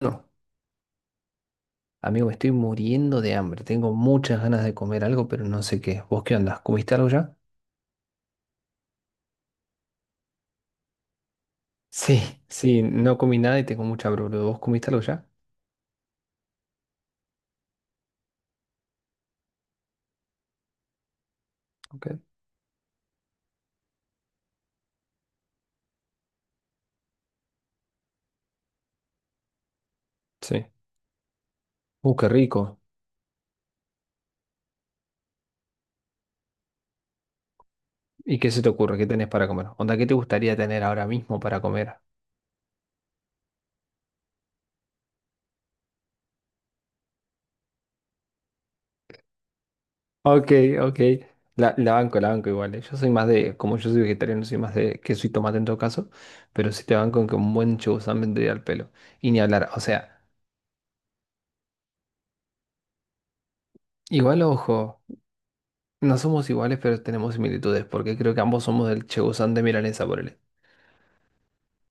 No, amigo, estoy muriendo de hambre. Tengo muchas ganas de comer algo, pero no sé qué. ¿Vos qué andás? ¿Comiste algo ya? Sí, sí, no comí nada y tengo mucha hambre, boludo. ¿Vos comiste algo ya? Ok. Sí. Qué rico. ¿Y qué se te ocurre? ¿Qué tenés para comer? Onda, ¿qué te gustaría tener ahora mismo para comer? Ok, ok. La banco, la banco igual. Yo soy más de, como yo soy vegetariano, soy más de queso y tomate en todo caso, pero sí te banco en que un buen chubusán vendría al pelo. Y ni hablar, o sea, igual ojo. No somos iguales, pero tenemos similitudes, porque creo que ambos somos del Chegusán de Milanesa, por él.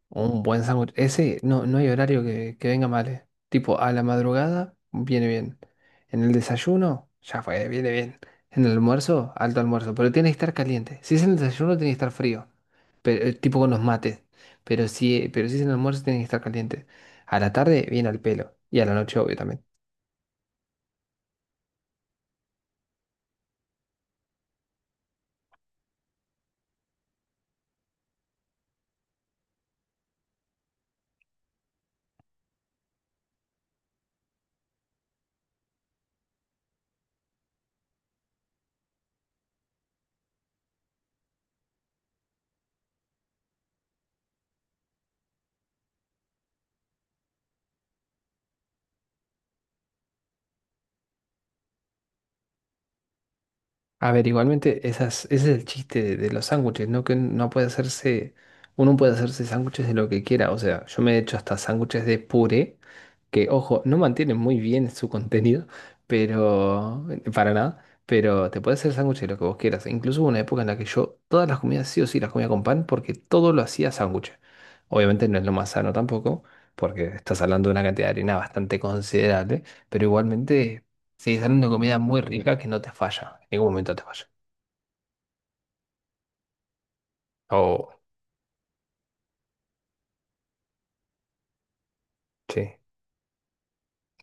Un buen sándwich. Ese, no, no hay horario que venga mal, Tipo, a la madrugada, viene bien. En el desayuno, ya fue, viene bien. En el almuerzo, alto almuerzo, pero tiene que estar caliente. Si es en el desayuno, tiene que estar frío, pero, tipo con los mates. Pero si es en el almuerzo, tiene que estar caliente. A la tarde, viene al pelo. Y a la noche, obviamente. A ver, igualmente esas, ese es el chiste de los sándwiches, ¿no? Que no puede hacerse, uno puede hacerse sándwiches de lo que quiera. O sea, yo me he hecho hasta sándwiches de puré que, ojo, no mantiene muy bien su contenido, pero para nada, pero te puedes hacer sándwich de lo que vos quieras. E incluso hubo una época en la que yo todas las comidas sí o sí las comía con pan porque todo lo hacía sándwich. Obviamente no es lo más sano tampoco, porque estás hablando de una cantidad de harina bastante considerable, pero igualmente sigues hablando de comida muy rica que no te falla, en ningún momento te falla. Oh, sí.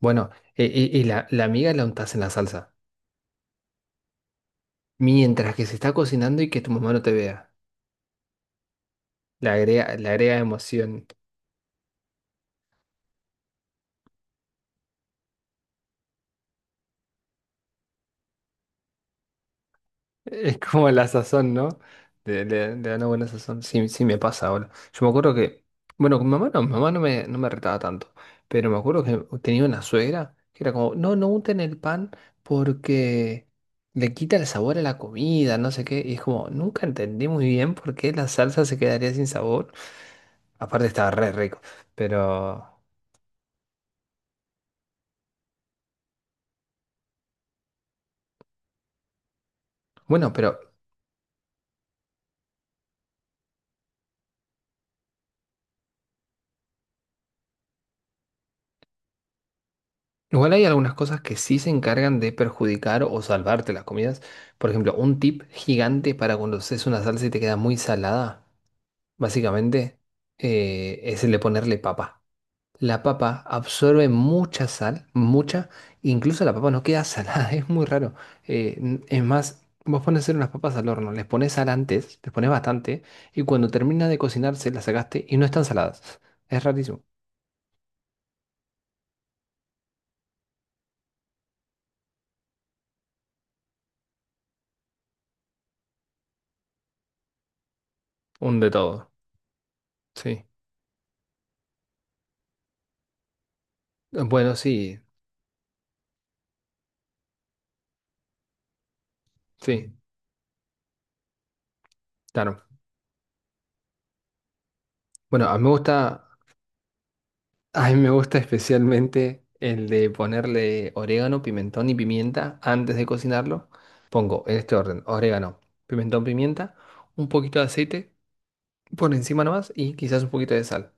Bueno, y la miga la untás en la salsa, mientras que se está cocinando y que tu mamá no te vea. Le agrega emoción. Es como la sazón, ¿no? Le da una buena sazón. Sí, sí me pasa ahora. Yo me acuerdo que, bueno, con mamá no, mamá no me retaba tanto, pero me acuerdo que tenía una suegra que era como, no, no unten el pan porque le quita el sabor a la comida, no sé qué. Y es como, nunca entendí muy bien por qué la salsa se quedaría sin sabor. Aparte estaba re rico, pero bueno, pero igual hay algunas cosas que sí se encargan de perjudicar o salvarte las comidas. Por ejemplo, un tip gigante para cuando haces una salsa y te queda muy salada, básicamente, es el de ponerle papa. La papa absorbe mucha sal, mucha, incluso la papa no queda salada, es muy raro. Es más, vos pones a hacer unas papas al horno, les pones sal antes, les pones bastante, y cuando termina de cocinarse las sacaste y no están saladas. Es rarísimo. Un de todo. Sí. Bueno, sí, sí. Claro. Bueno, a mí me gusta, a mí me gusta especialmente el de ponerle orégano, pimentón y pimienta antes de cocinarlo. Pongo en este orden, orégano, pimentón, pimienta, un poquito de aceite por encima nomás y quizás un poquito de sal.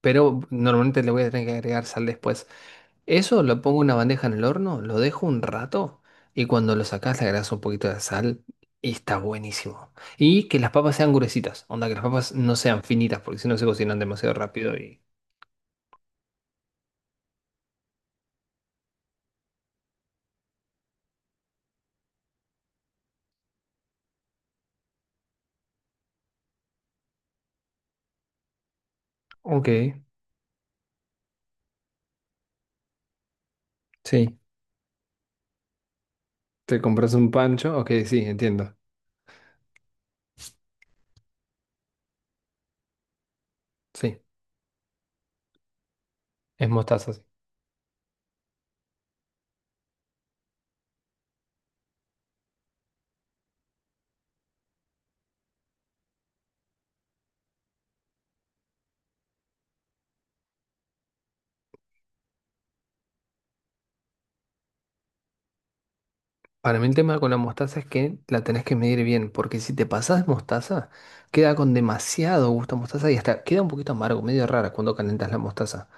Pero normalmente le voy a tener que agregar sal después. Eso lo pongo en una bandeja en el horno, lo dejo un rato y cuando lo sacas le agregas un poquito de sal y está buenísimo. Y que las papas sean gruesitas, onda que las papas no sean finitas porque si no se cocinan demasiado rápido y... Ok. Sí, te compras un pancho. Ok, sí, entiendo. Sí. Es mostaza, sí. Para mí el tema con la mostaza es que la tenés que medir bien, porque si te pasás mostaza, queda con demasiado gusto a mostaza y hasta queda un poquito amargo, medio rara cuando calentas la mostaza.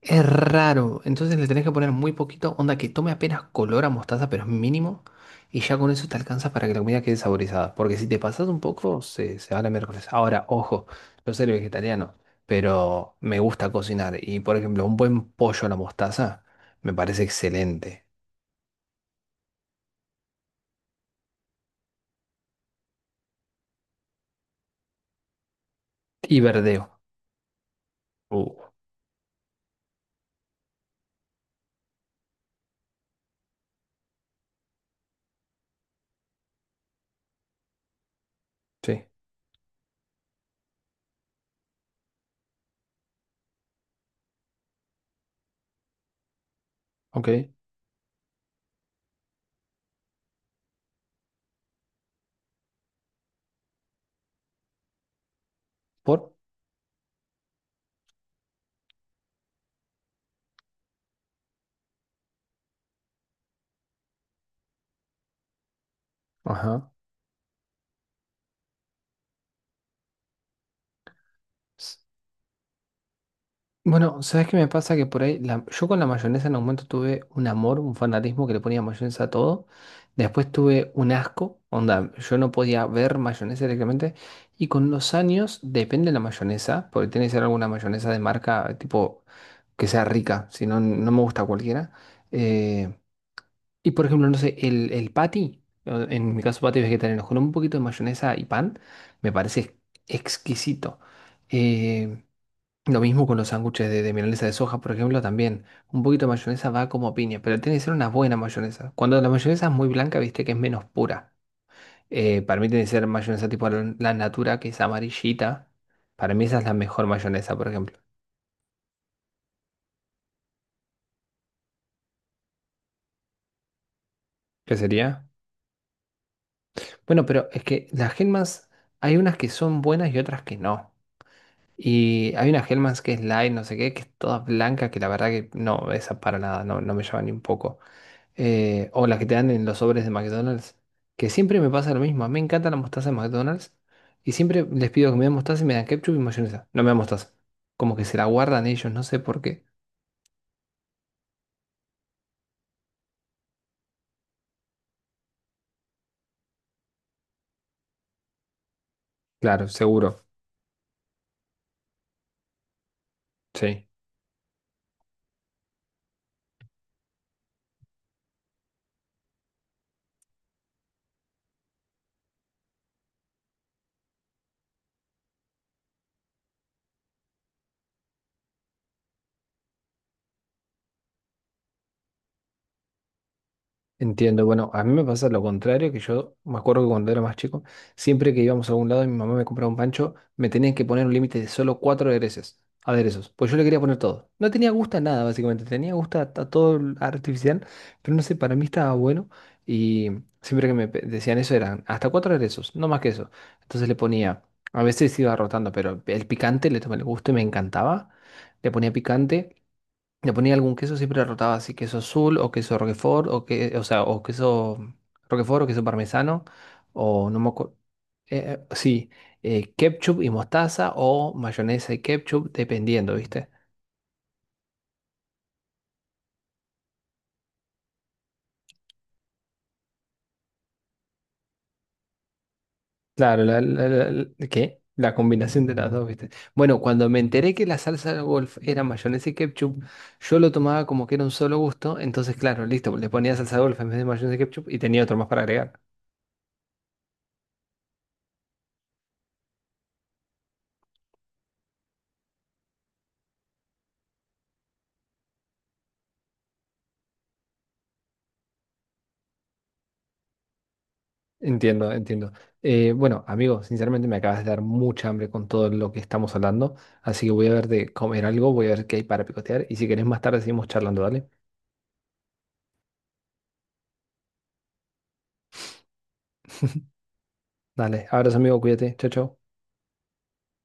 Es raro, entonces le tenés que poner muy poquito, onda que tome apenas color a mostaza, pero es mínimo, y ya con eso te alcanza para que la comida quede saborizada, porque si te pasas un poco, se va a la miércoles. Ahora, ojo, yo soy vegetariano, pero me gusta cocinar, y por ejemplo, un buen pollo a la mostaza me parece excelente. Y verdeo. Uh, sí, ok. ¿Por? Ajá. Bueno, ¿sabes qué me pasa? Que por ahí, yo con la mayonesa en un momento tuve un amor, un fanatismo que le ponía mayonesa a todo. Después tuve un asco, onda, yo no podía ver mayonesa directamente. Y con los años, depende de la mayonesa, porque tiene que ser alguna mayonesa de marca, tipo, que sea rica, si no, no me gusta cualquiera. Eh, y por ejemplo, no sé, el patty, en mi caso patty vegetariano, con un poquito de mayonesa y pan, me parece exquisito. Eh, lo mismo con los sándwiches de milanesa de soja, por ejemplo, también. Un poquito de mayonesa va como piña, pero tiene que ser una buena mayonesa. Cuando la mayonesa es muy blanca, viste que es menos pura. Para mí tiene que ser mayonesa tipo la natura, que es amarillita. Para mí esa es la mejor mayonesa, por ejemplo. ¿Qué sería? Bueno, pero es que las Hellmann's hay unas que son buenas y otras que no. Y hay una Hellmann's que es light, no sé qué, que es toda blanca, que la verdad que no, esa para nada, no, no me llama ni un poco. Eh, o las que te dan en los sobres de McDonald's, que siempre me pasa lo mismo. A mí me encanta la mostaza de McDonald's y siempre les pido que me den mostaza y me dan ketchup y mayonesa. No me dan mostaza. Como que se la guardan ellos, no sé por qué. Claro, seguro. Sí. Entiendo, bueno, a mí me pasa lo contrario, que yo me acuerdo que cuando era más chico, siempre que íbamos a algún lado y mi mamá me compraba un pancho, me tenían que poner un límite de solo cuatro aderezos, aderezos, pues yo le quería poner todo. No tenía gusto a nada, básicamente, tenía gusto a todo el artificial, pero no sé, para mí estaba bueno y siempre que decían eso eran hasta cuatro aderezos, no más que eso. Entonces le ponía, a veces iba rotando, pero el picante le tomé el gusto y me encantaba, le ponía picante. Le ponía algún queso, siempre rotaba así, queso azul o queso roquefort o que, o sea, o queso roquefort o queso parmesano o no me acuerdo. Sí, ketchup y mostaza o mayonesa y ketchup, dependiendo, ¿viste? Claro, ¿qué? La combinación de las dos, ¿viste? Bueno, cuando me enteré que la salsa de golf era mayonesa y ketchup, yo lo tomaba como que era un solo gusto, entonces claro, listo, le ponía salsa de golf en vez de mayonesa y ketchup y tenía otro más para agregar. Entiendo, entiendo. Bueno, amigo, sinceramente me acabas de dar mucha hambre con todo lo que estamos hablando, así que voy a ver de comer algo, voy a ver qué hay para picotear y si querés más tarde seguimos charlando, dale. Dale, abrazo amigo, cuídate, chao, chao.